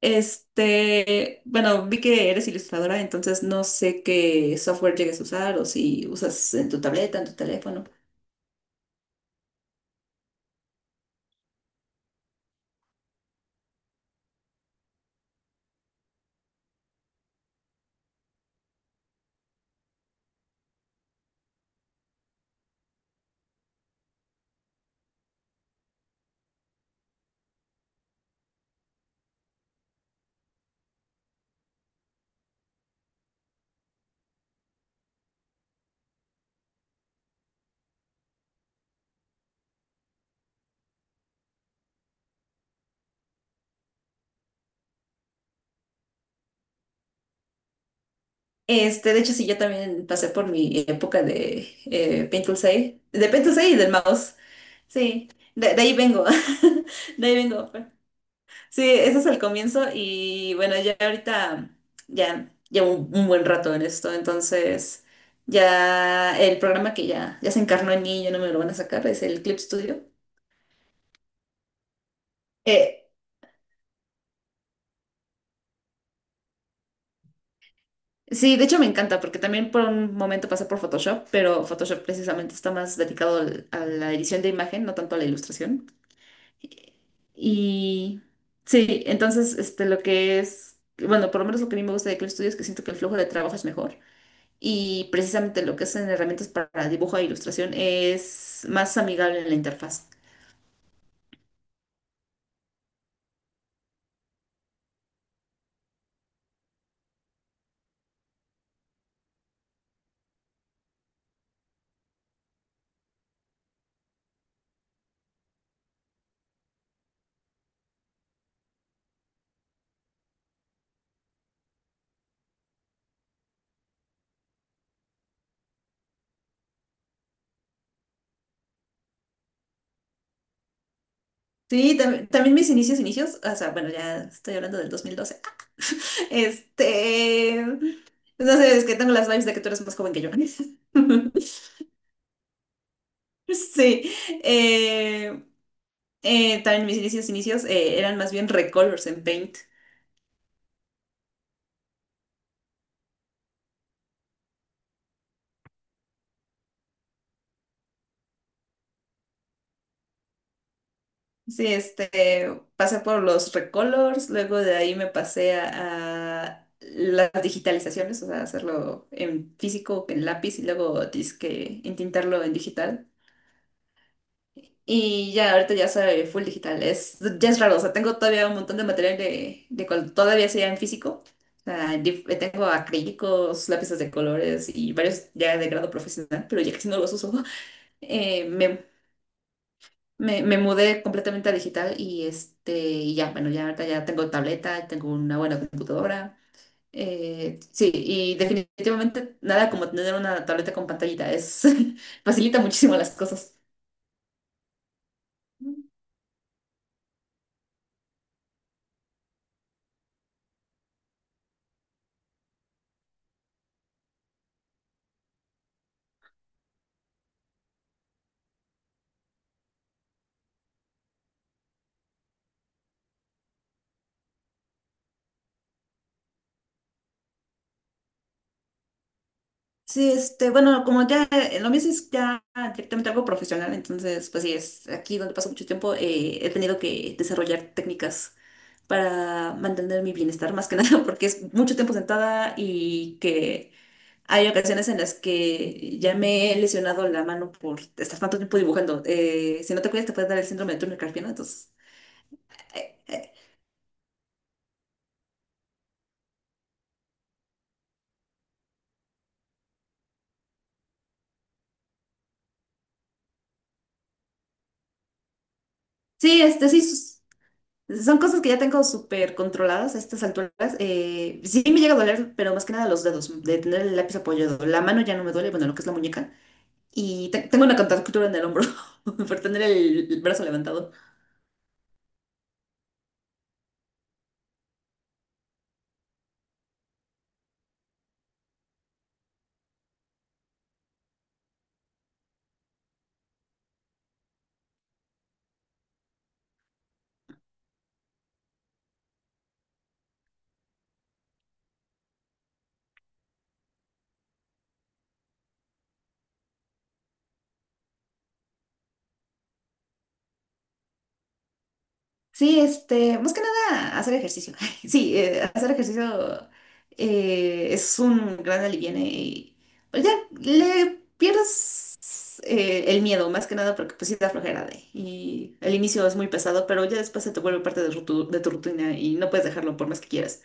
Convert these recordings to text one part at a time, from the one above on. Vi que eres ilustradora, entonces no sé qué software llegues a usar o si usas en tu tableta, en tu teléfono. De hecho, sí, yo también pasé por mi época de Paint Tool 6, de Paint Tool 6 y del mouse. Sí, de ahí vengo. De ahí vengo, pues. Sí, ese es el comienzo y bueno, ya ahorita ya llevo un buen rato en esto, entonces ya el programa que ya se encarnó en mí y ya no me lo van a sacar es el Clip Studio. Eh, sí, de hecho me encanta porque también por un momento pasé por Photoshop, pero Photoshop precisamente está más dedicado a la edición de imagen, no tanto a la ilustración. Y sí, lo que es, bueno, por lo menos lo que a mí me gusta de Clip Studio es que siento que el flujo de trabajo es mejor. Y precisamente lo que hacen herramientas para dibujo e ilustración es más amigable en la interfaz. Sí, también mis inicios, inicios, o sea, bueno, ya estoy hablando del 2012. Este, no sé, es que tengo las vibes de que tú eres más joven que yo. Sí, eh, también mis inicios, inicios eran más bien recolors en Paint. Sí, pasé por los recolors, luego de ahí me pasé a las digitalizaciones, o sea, hacerlo en físico, en lápiz y luego disque entintarlo en digital. Y ya, ahorita ya soy full digital, es, ya es raro, o sea, tengo todavía un montón de material de cuando todavía sea en físico. O sea, tengo acrílicos, lápices de colores y varios ya de grado profesional, pero ya casi no los uso. Eh, me me mudé completamente a digital y ya, bueno, ya ahorita ya tengo tableta, tengo una buena computadora. Sí, y definitivamente nada como tener una tableta con pantallita, es facilita muchísimo las cosas. Sí, bueno, como ya lo mismo es ya directamente algo profesional, entonces, pues sí, es aquí donde paso mucho tiempo, he tenido que desarrollar técnicas para mantener mi bienestar más que nada, porque es mucho tiempo sentada y que hay ocasiones en las que ya me he lesionado la mano por estar tanto tiempo dibujando. Si no te cuidas, te puede dar el síndrome de Turner Carpiano. Entonces, eh, eh, sí, son cosas que ya tengo súper controladas a estas alturas. Sí me llega a doler, pero más que nada los dedos, de tener el lápiz apoyado. La mano ya no me duele, bueno, lo que es la muñeca. Tengo una contractura en el hombro por tener el brazo levantado. Sí, más que nada hacer ejercicio. Sí, hacer ejercicio es un gran alivio y pues ya le pierdes el miedo, más que nada porque pues sí da flojera y el inicio es muy pesado, pero ya después se te vuelve parte de tu rutina y no puedes dejarlo por más que quieras.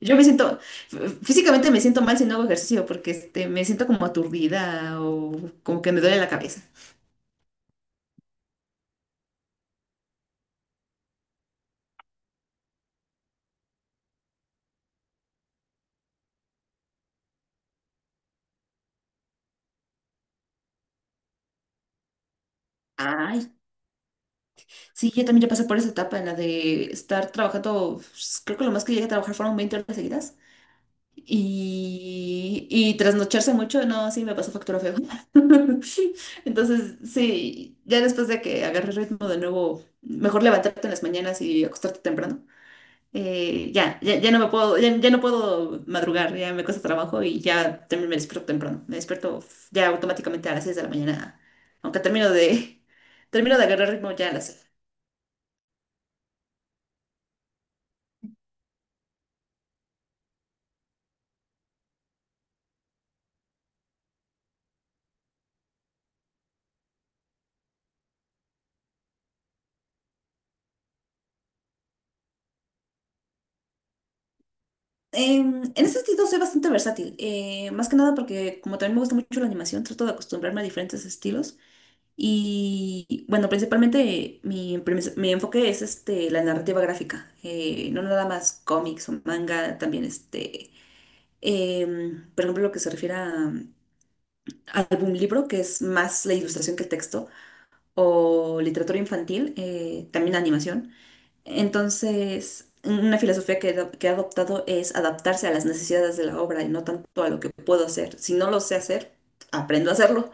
Yo me siento, f- Físicamente me siento mal si no hago ejercicio porque me siento como aturdida o como que me duele la cabeza. Ay, sí, yo también ya pasé por esa etapa en la de estar trabajando, pues, creo que lo más que llegué a trabajar fueron 20 horas seguidas y trasnocharse mucho, no, sí, me pasó factura feo. Entonces, sí, ya después de que agarré ritmo de nuevo, mejor levantarte en las mañanas y acostarte temprano. Ya no me puedo, ya no puedo madrugar, ya me cuesta trabajo y ya también me despierto temprano. Me despierto ya automáticamente a las 6 de la mañana, aunque termino de, termino de agarrar ritmo ya a las 6. En ese sentido soy bastante versátil, más que nada porque como también me gusta mucho la animación, trato de acostumbrarme a diferentes estilos y bueno, principalmente mi enfoque es la narrativa gráfica, no nada más cómics o manga, también por ejemplo, lo que se refiere a álbum libro, que es más la ilustración que el texto, o literatura infantil, también animación. Entonces, una filosofía que he adoptado es adaptarse a las necesidades de la obra y no tanto a lo que puedo hacer. Si no lo sé hacer, aprendo a hacerlo.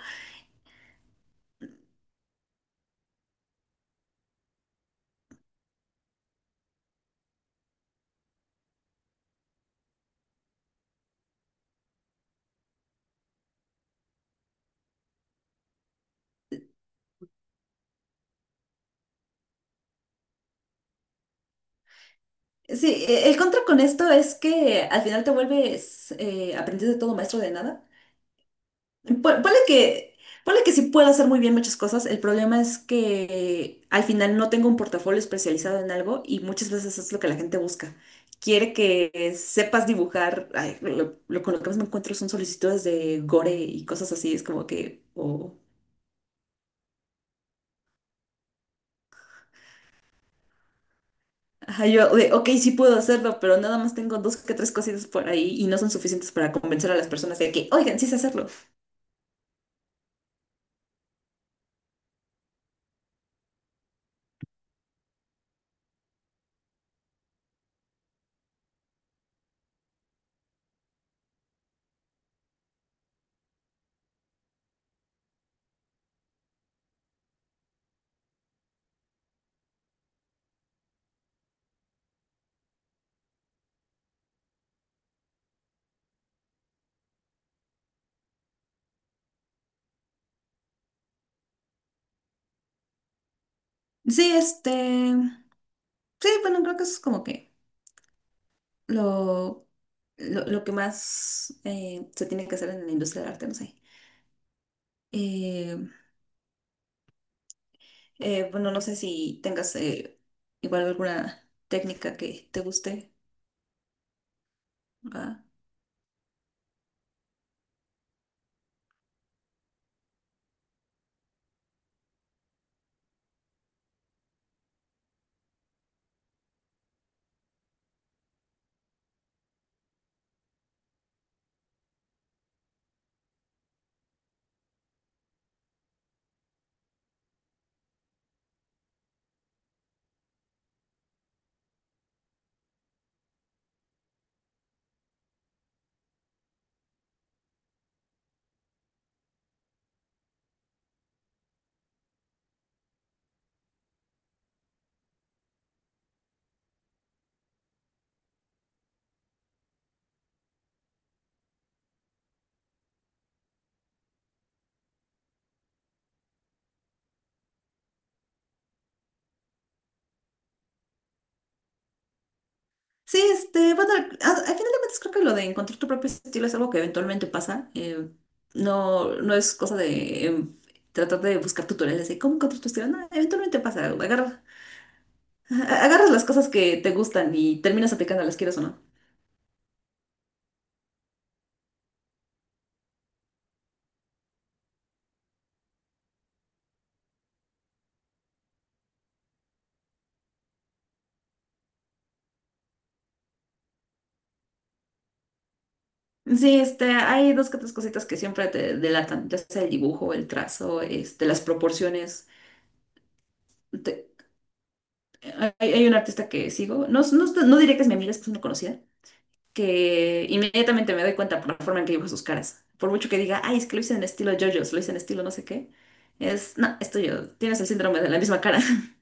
Sí, el contra con esto es que al final te vuelves aprendiz de todo, maestro de nada. Ponle ponle que sí puedo hacer muy bien muchas cosas. El problema es que al final no tengo un portafolio especializado en algo y muchas veces es lo que la gente busca. Quiere que sepas dibujar. Ay, con lo que más me encuentro son solicitudes de gore y cosas así. Es como que, o ajá, ok, sí puedo hacerlo, pero nada más tengo dos que tres cositas por ahí y no son suficientes para convencer a las personas de que, oigan, sí sé hacerlo. Sí, sí, bueno, creo que eso es como que lo lo que más se tiene que hacer en la industria del arte, no sé. Eh, bueno, no sé si tengas igual alguna técnica que te guste. ¿Va? Sí, bueno, al final de cuentas creo que lo de encontrar tu propio estilo es algo que eventualmente pasa. Eh, no es cosa de tratar de buscar tutoriales de cómo encontrar tu estilo. No, eventualmente pasa. Agarras las cosas que te gustan y terminas aplicándolas, quieras o no. Sí, hay dos que tres cositas que siempre te delatan, ya sea el dibujo, el trazo, las proporciones. Te- Hay, hay un artista que sigo, no diría que es mi amiga, es que es una conocida, que inmediatamente me doy cuenta por la forma en que dibuja sus caras. Por mucho que diga, ay, es que lo hice en estilo JoJo's, lo hice en estilo no sé qué, es, no, tienes el síndrome de la misma cara.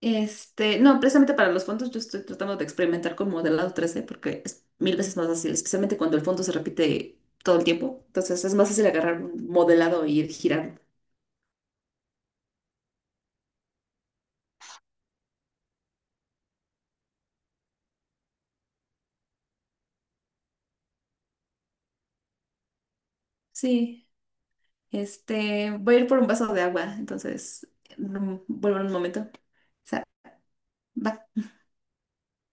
No, precisamente para los fondos yo estoy tratando de experimentar con modelado 3D porque es 1000 veces más fácil, especialmente cuando el fondo se repite todo el tiempo. Entonces es más fácil agarrar un modelado y ir girando. Sí, voy a ir por un vaso de agua, entonces vuelvo en un momento. O sea, va.